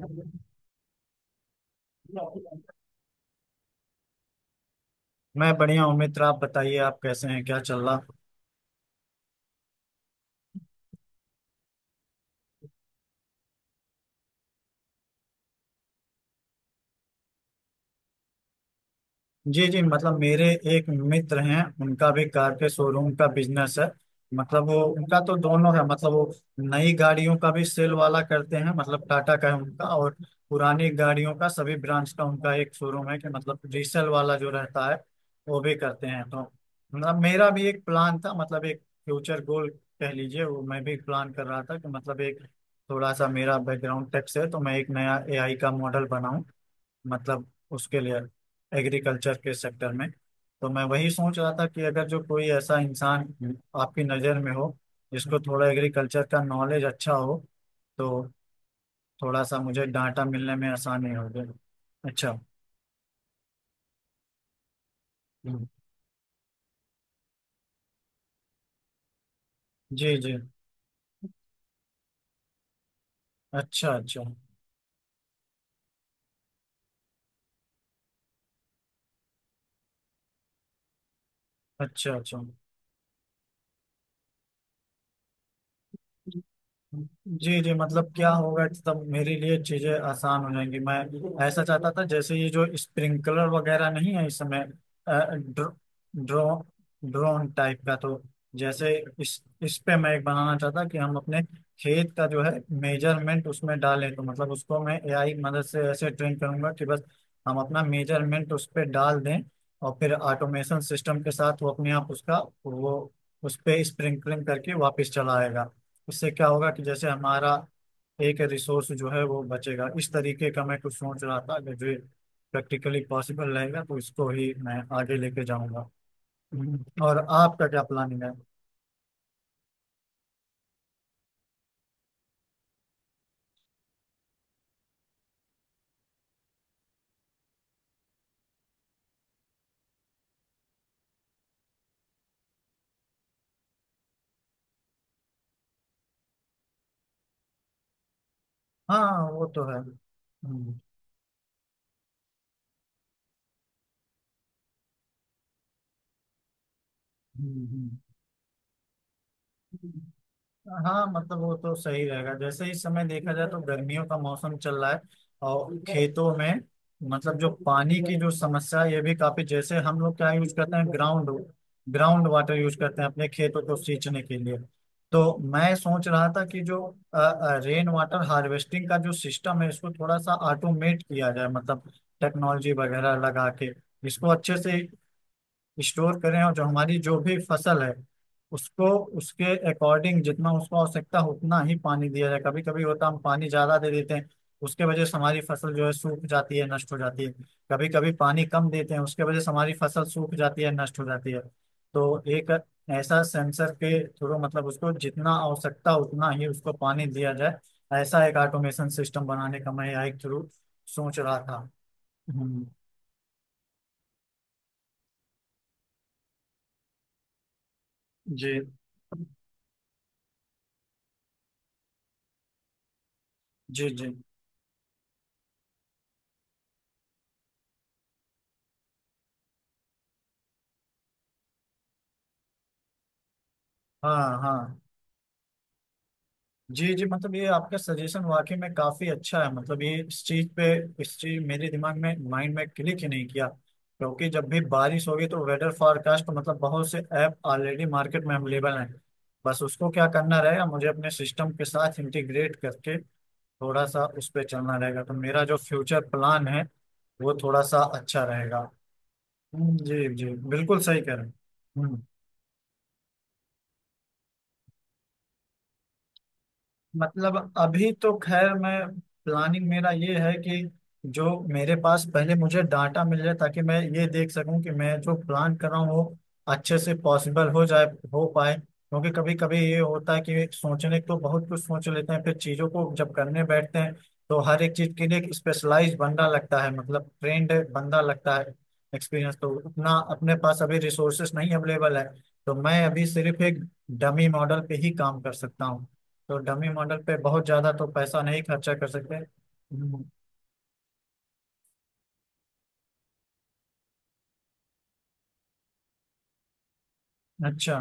मैं बढ़िया हूँ मित्र। आप बताइए, आप कैसे हैं, क्या चल रहा। जी जी, मतलब मेरे एक मित्र हैं, उनका भी कार के शोरूम का बिजनेस है। मतलब वो, उनका तो दोनों है, मतलब वो नई गाड़ियों का भी सेल वाला करते हैं, मतलब टाटा का है उनका, और पुरानी गाड़ियों का सभी ब्रांच का उनका एक शोरूम है कि मतलब रीसेल वाला जो रहता है वो भी करते हैं। तो मतलब मेरा भी एक प्लान था, मतलब एक फ्यूचर गोल कह लीजिए, वो मैं भी प्लान कर रहा था कि मतलब एक, थोड़ा सा मेरा बैकग्राउंड टेक से है तो मैं एक नया एआई का मॉडल बनाऊं मतलब उसके लिए, एग्रीकल्चर के सेक्टर में। तो मैं वही सोच रहा था कि अगर जो कोई ऐसा इंसान आपकी नज़र में हो जिसको थोड़ा एग्रीकल्चर का नॉलेज अच्छा हो, तो थोड़ा सा मुझे डाटा मिलने में आसानी होगी। अच्छा। हम्म। जी जी। अच्छा अच्छा। अच्छा अच्छा। जी जी मतलब क्या होगा कि तब मेरे लिए चीजें आसान हो जाएंगी। मैं ऐसा चाहता था, जैसे ये जो स्प्रिंकलर वगैरह नहीं है इस समय, अ, ड्रो, ड्रो, ड्रोन टाइप का, तो जैसे इस पे मैं एक बनाना चाहता कि हम अपने खेत का जो है मेजरमेंट उसमें डालें, तो मतलब उसको मैं एआई की मदद से ऐसे ट्रेन करूंगा कि बस हम अपना मेजरमेंट उस पे डाल दें और फिर ऑटोमेशन सिस्टम के साथ वो अपने आप उसका, वो उस पे स्प्रिंकलिंग करके वापस चला आएगा। उससे क्या होगा कि जैसे हमारा एक रिसोर्स जो है वो बचेगा। इस तरीके का मैं कुछ सोच रहा था कि जो प्रैक्टिकली पॉसिबल रहेगा तो इसको ही मैं आगे लेके जाऊंगा। और आपका क्या प्लानिंग है। हाँ वो तो है। हम्म। हम्म। हम्म। हाँ मतलब वो तो सही रहेगा। जैसे इस समय देखा जाए तो गर्मियों का मौसम चल रहा है, और खेतों में मतलब जो पानी की जो समस्या है ये भी काफी, जैसे हम लोग क्या यूज करते हैं, ग्राउंड ग्राउंड वाटर यूज करते हैं अपने खेतों को सींचने के लिए। तो मैं सोच रहा था कि जो रेन वाटर हार्वेस्टिंग का जो सिस्टम है इसको थोड़ा सा ऑटोमेट किया जाए, मतलब टेक्नोलॉजी वगैरह लगा के इसको अच्छे से स्टोर करें, और जो हमारी जो भी फसल है उसको उसके अकॉर्डिंग, जितना उसको आवश्यकता उतना ही पानी दिया जाए। कभी कभी होता है, हम पानी ज्यादा दे देते हैं, उसके वजह से हमारी फसल जो है सूख जाती है, नष्ट हो जाती है। कभी कभी पानी कम देते हैं, उसके वजह से हमारी फसल सूख जाती है, नष्ट हो जाती है। तो एक ऐसा सेंसर के थ्रू, मतलब उसको जितना आवश्यकता उतना ही उसको पानी दिया जाए, ऐसा एक ऑटोमेशन सिस्टम बनाने का मैं एक थ्रू सोच रहा था। हम्म। जी जी। जी। हाँ हाँ। जी जी मतलब ये आपका सजेशन वाकई में काफी अच्छा है। मतलब ये इस चीज पे, इस चीज मेरे दिमाग में, माइंड में क्लिक ही नहीं किया, क्योंकि जब भी बारिश होगी तो वेदर फोरकास्ट, मतलब बहुत से ऐप ऑलरेडी मार्केट में अवेलेबल हैं। बस उसको क्या करना रहेगा, मुझे अपने सिस्टम के साथ इंटीग्रेट करके थोड़ा सा उस पर चलना रहेगा, तो मेरा जो फ्यूचर प्लान है वो थोड़ा सा अच्छा रहेगा। जी जी बिल्कुल सही कह रहे हैं। हम्म। मतलब अभी तो खैर मैं, प्लानिंग मेरा ये है कि जो मेरे पास पहले मुझे डाटा मिल जाए, ताकि मैं ये देख सकूं कि मैं जो प्लान कर रहा हूँ वो अच्छे से पॉसिबल हो जाए, हो पाए। क्योंकि कभी कभी ये होता है कि सोचने तो बहुत कुछ सोच लेते हैं, फिर चीज़ों को जब करने बैठते हैं तो हर एक चीज़ के लिए एक स्पेशलाइज बंदा लगता है, मतलब ट्रेंड बंदा लगता है। एक्सपीरियंस तो उतना अपने पास अभी, रिसोर्सेस नहीं अवेलेबल है, तो मैं अभी सिर्फ एक डमी मॉडल पे ही काम कर सकता हूँ। तो डमी मॉडल पे बहुत ज्यादा तो पैसा नहीं खर्चा कर सकते। हम्म। अच्छा।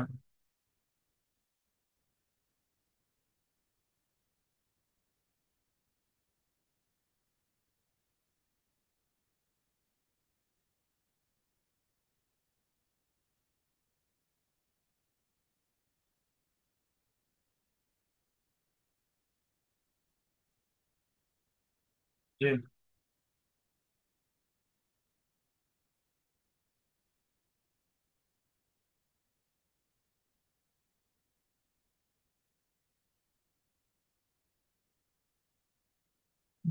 जी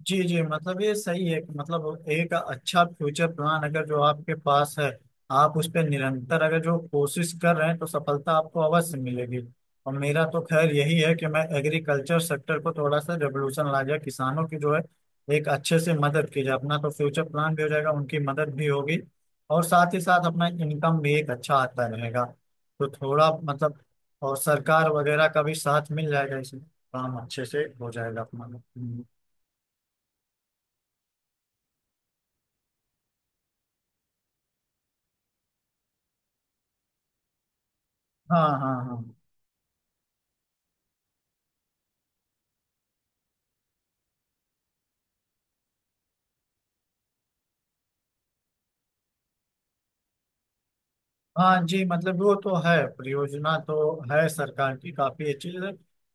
जी। जी मतलब ये सही है कि मतलब एक अच्छा फ्यूचर प्लान अगर जो आपके पास है, आप उस पर निरंतर अगर जो कोशिश कर रहे हैं, तो सफलता आपको अवश्य मिलेगी। और मेरा तो खैर यही है कि मैं एग्रीकल्चर सेक्टर को थोड़ा सा रेवोल्यूशन ला जाए, किसानों की जो है एक अच्छे से मदद की जाए। अपना तो फ्यूचर प्लान भी हो जाएगा, उनकी मदद भी होगी, और साथ ही साथ अपना इनकम भी एक अच्छा आता रहेगा। तो थोड़ा मतलब, और सरकार वगैरह का भी साथ मिल जाएगा, इसमें काम अच्छे से हो जाएगा अपना। हाँ हाँ हाँ हाँ। जी मतलब वो तो है, परियोजना तो है सरकार की काफी अच्छी। जैसे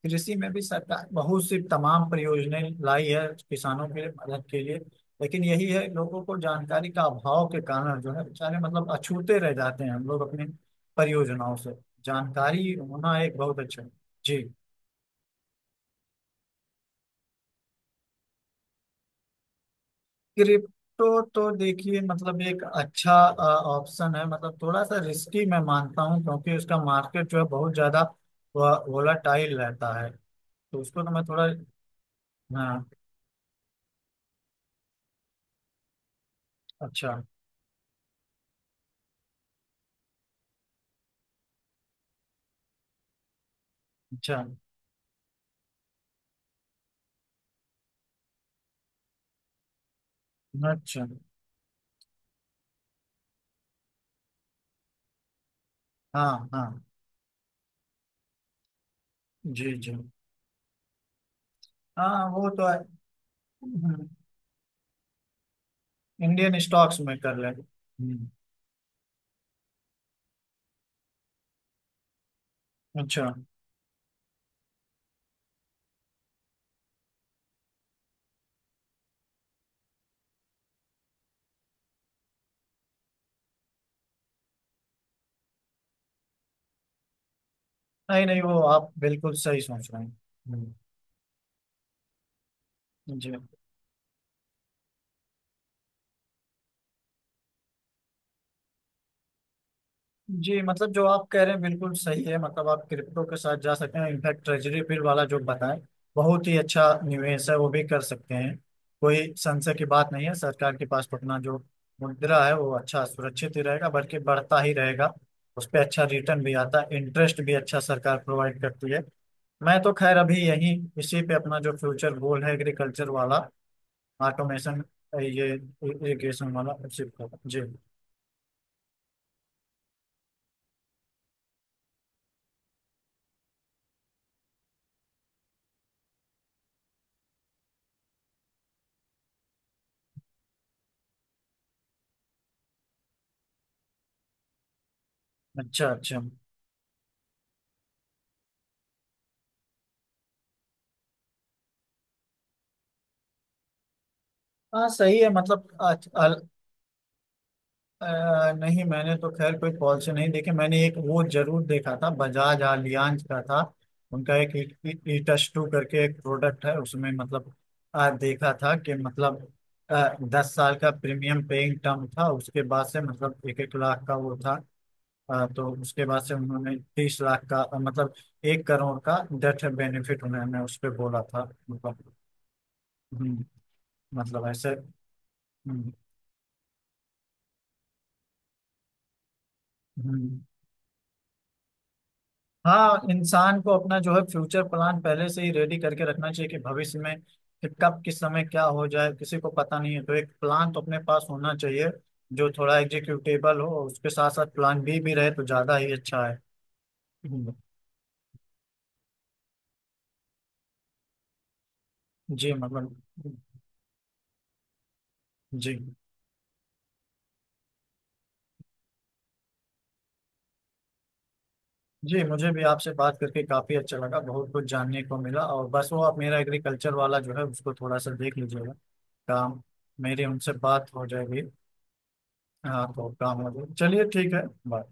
कृषि में भी सरकार बहुत सी तमाम परियोजनाएं लाई है किसानों के मदद के लिए। लेकिन यही है, लोगों को जानकारी का अभाव के कारण जो है, बेचारे मतलब अछूते रह जाते हैं हम लोग अपनी परियोजनाओं से। जानकारी होना एक बहुत अच्छा। जी। क्रिप्टो तो देखिए, मतलब एक अच्छा ऑप्शन है, मतलब थोड़ा सा रिस्की मैं मानता हूँ, क्योंकि उसका मार्केट जो है बहुत ज्यादा वोलाटाइल रहता है। तो उसको तो मैं थोड़ा, हाँ। अच्छा। अच्छा अच्छा। हाँ हाँ। जी जी। हाँ वो तो है। हम्म, इंडियन स्टॉक्स में कर लेंगे। हम्म। अच्छा। नहीं नहीं, वो आप बिल्कुल सही सोच रहे हैं। हम्म। जी जी मतलब जो आप कह रहे हैं बिल्कुल सही है। मतलब आप क्रिप्टो के साथ जा सकते हैं, इनफैक्ट ट्रेजरी बिल वाला जो बताएं बहुत ही अच्छा निवेश है, वो भी कर सकते हैं। कोई संशय की बात नहीं है, सरकार के पास अपना जो मुद्रा है वो अच्छा सुरक्षित ही रहेगा, बल्कि बढ़ता ही रहेगा। उस पर अच्छा रिटर्न भी आता है, इंटरेस्ट भी अच्छा सरकार प्रोवाइड करती है। मैं तो खैर अभी यही, इसी पे अपना जो फ्यूचर गोल है एग्रीकल्चर वाला, ऑटोमेशन, ये इरिगेशन वाला उसी पर। जी। अच्छा अच्छा। हाँ सही है मतलब। नहीं मैंने तो खैर कोई पॉलिसी नहीं देखी। मैंने एक वो जरूर देखा था, बजाज आलियांज का था, उनका एक ईटस टू करके एक प्रोडक्ट है, उसमें मतलब देखा था कि मतलब, 10 साल का प्रीमियम पेइंग टर्म था, उसके बाद से मतलब एक एक लाख का वो था, तो उसके बाद से उन्होंने 30 लाख का मतलब 1 करोड़ का डेथ बेनिफिट उन्होंने उस पर बोला था। मतलब। हम्म। मतलब ऐसे। हम्म। हम्म। हाँ इंसान को अपना जो है फ्यूचर प्लान पहले से ही रेडी करके रखना चाहिए, कि भविष्य में कि कब किस समय क्या हो जाए किसी को पता नहीं है, तो एक प्लान तो अपने पास होना चाहिए जो थोड़ा एग्जीक्यूटेबल हो, और उसके साथ साथ प्लान बी भी रहे तो ज्यादा ही अच्छा है। हम्म। जी मतलब। जी जी मुझे भी आपसे बात करके काफी अच्छा लगा, बहुत कुछ जानने को मिला। और बस वो आप मेरा एग्रीकल्चर वाला जो है उसको थोड़ा सा देख लीजिएगा, काम, मेरी उनसे बात हो जाएगी। हाँ तो काम हो जाए, चलिए ठीक है। बाय।